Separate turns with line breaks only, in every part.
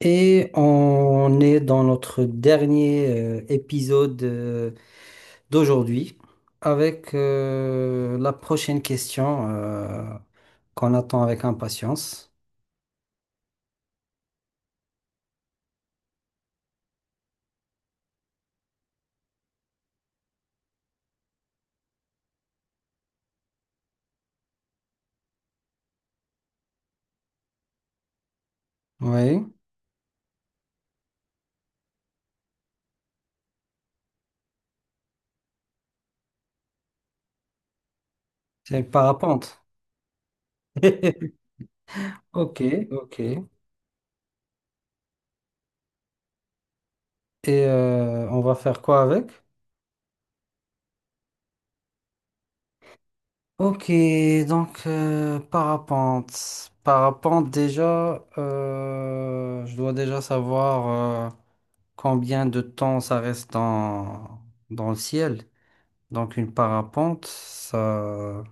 Et on est dans notre dernier épisode d'aujourd'hui avec la prochaine question qu'on attend avec impatience. Oui, c'est le parapente. Ok, ok. Et on va faire quoi avec? Ok, donc parapente. Parapente déjà, je dois déjà savoir combien de temps ça reste dans le ciel. Donc une parapente, ça...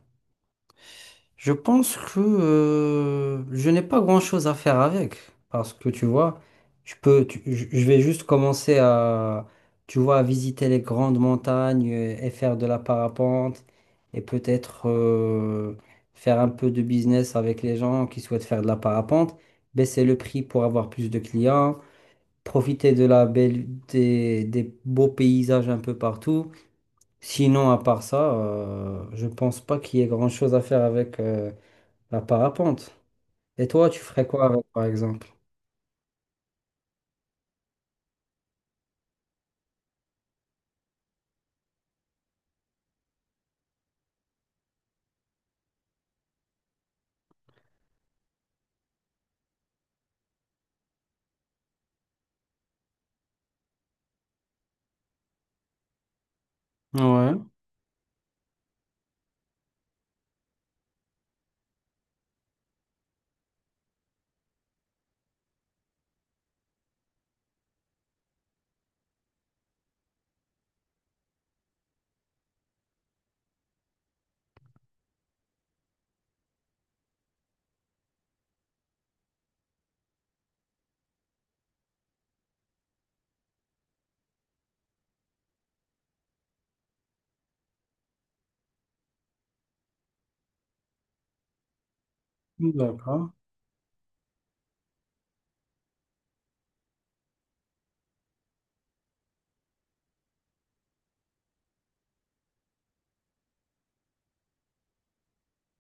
Je pense que je n'ai pas grand-chose à faire avec. Parce que tu vois, je peux, je vais juste commencer à, tu vois, à visiter les grandes montagnes et faire de la parapente. Et peut-être faire un peu de business avec les gens qui souhaitent faire de la parapente. Baisser le prix pour avoir plus de clients. Profiter de la belle, des beaux paysages un peu partout. Sinon, à part ça, je pense pas qu'il y ait grand-chose à faire avec la parapente. Et toi, tu ferais quoi avec, par exemple? Ouais, d'accord.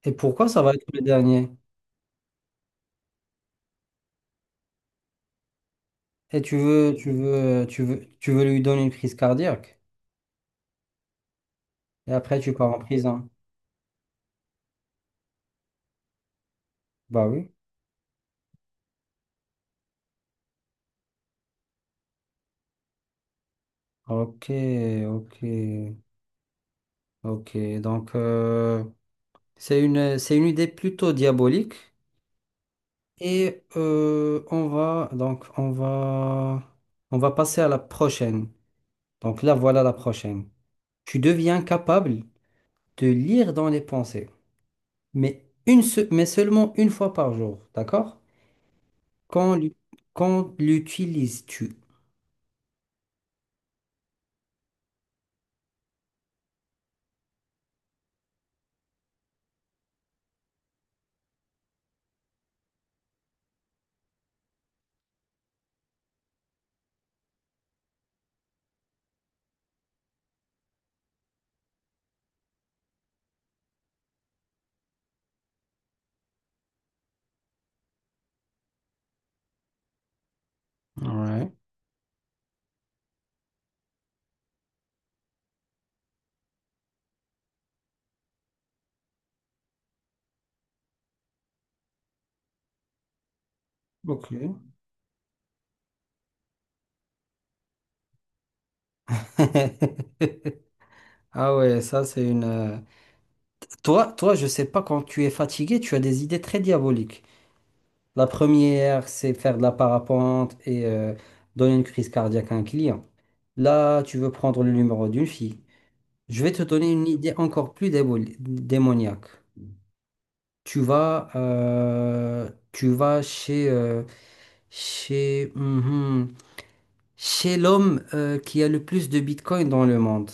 Et pourquoi ça va être le dernier? Et tu veux lui donner une crise cardiaque. Et après, tu pars en prison. Bah oui. Ok, ok, ok. Donc, c'est une idée plutôt diabolique. Et on va passer à la prochaine. Donc là, voilà la prochaine. Tu deviens capable de lire dans les pensées, mais, mais seulement une fois par jour, d'accord? Quand, l'u- quand l'utilises-tu? Ouais, ok. Ah ouais, Toi, toi, je sais pas, quand tu es fatigué, tu as des idées très diaboliques. La première, c'est faire de la parapente et donner une crise cardiaque à un client. Là, tu veux prendre le numéro d'une fille. Je vais te donner une idée encore plus démoniaque. Tu vas chez, mhm, chez l'homme qui a le plus de Bitcoin dans le monde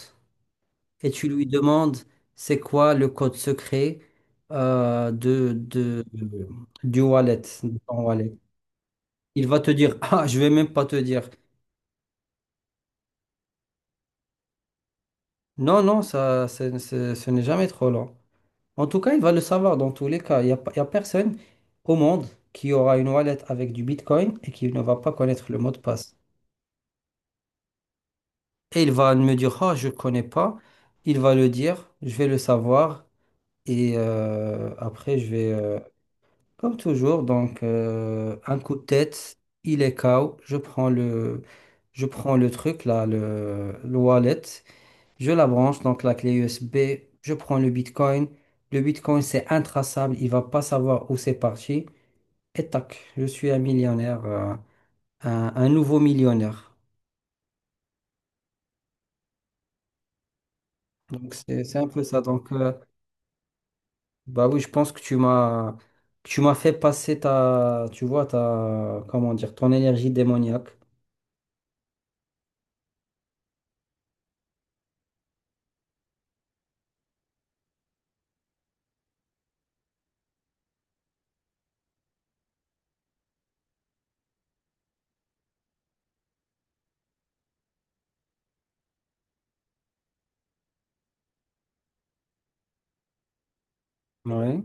et tu lui demandes c'est quoi le code secret euh, de, de, du wallet, de ton wallet. Il va te dire, ah, je vais même pas te dire. Non, non, ce n'est jamais trop long. En tout cas, il va le savoir dans tous les cas. Il n'y a, pas- il y a personne au monde qui aura une wallet avec du Bitcoin et qui ne va pas connaître le mot de passe. Et il va me dire, ah, je ne connais pas. Il va le dire, je vais le savoir. Et après, comme toujours, donc un coup de tête, il est KO. Je prends le truc, là, le wallet. Je la branche, donc la clé USB, je prends le Bitcoin. Le Bitcoin, c'est intraçable, il va pas savoir où c'est parti. Et tac, je suis un millionnaire, un nouveau millionnaire. Donc c'est un peu ça. Donc bah oui, je pense que tu m'as fait passer ta, tu vois, ta, comment dire, ton énergie démoniaque. Ouais,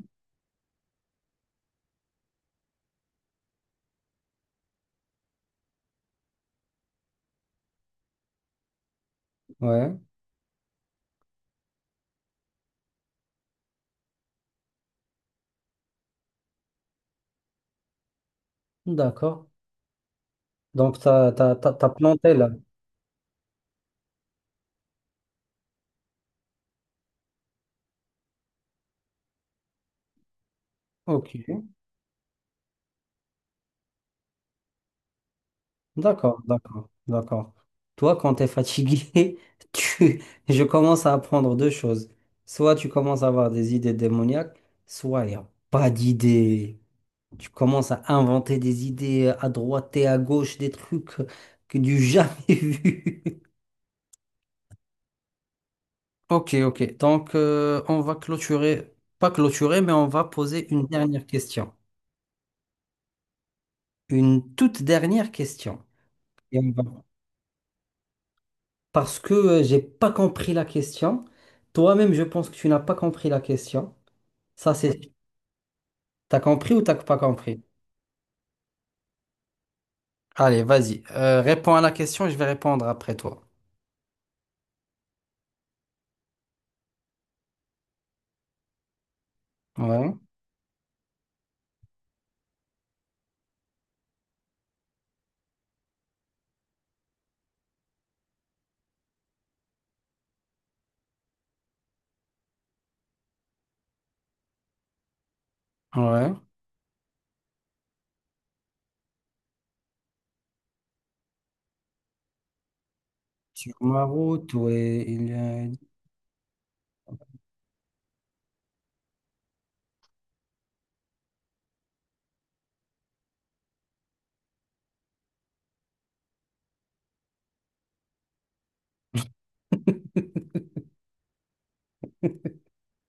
ouais, d'accord. Donc t'as planté là. Ok. D'accord, d'accord, d'accord. Toi, quand tu es fatigué, tu... je commence à apprendre deux choses. Soit tu commences à avoir des idées démoniaques, soit il n'y a pas d'idées. Tu commences à inventer des idées à droite et à gauche, des trucs que du jamais vu. Ok, ok. Donc, on va clôturer, pas clôturer, mais on va poser une dernière question. Une toute dernière question. Et on va parce que j'ai pas compris la question. Toi-même, je pense que tu n'as pas compris la question. Ça, c'est... T'as compris ou t'as pas compris? Allez, vas-y. Réponds à la question, je vais répondre après toi. Ouais, ouais. Sur ma route, ouais, il y a...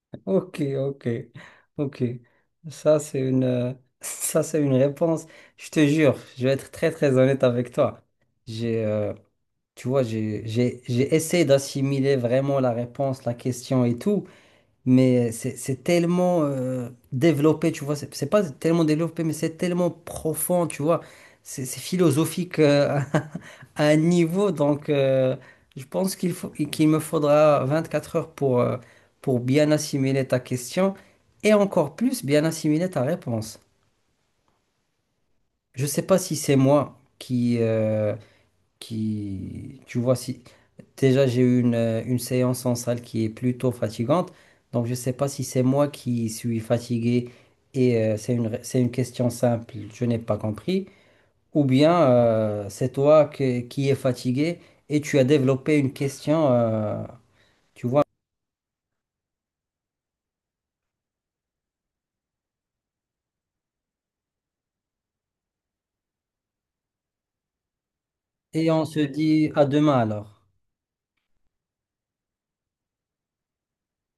Ok, ok, ok. Ça, c'est une... euh, Ça, c'est une réponse. Je te jure, je vais être très, très honnête avec toi. J'ai... euh, Tu vois, j'ai essayé d'assimiler vraiment la réponse, la question et tout. Mais c'est tellement développé, tu vois. C'est pas tellement développé, mais c'est tellement profond, tu vois. C'est philosophique à un niveau. Donc, je pense qu'il me faudra 24 heures pour bien assimiler ta question et encore plus bien assimiler ta réponse. Je sais pas si c'est moi qui, tu vois, si déjà j'ai eu une séance en salle qui est plutôt fatigante, donc je sais pas si c'est moi qui suis fatigué et c'est une question simple, je n'ai pas compris, ou bien c'est qui es fatigué et tu as développé une question, tu vois, et on se dit à demain alors.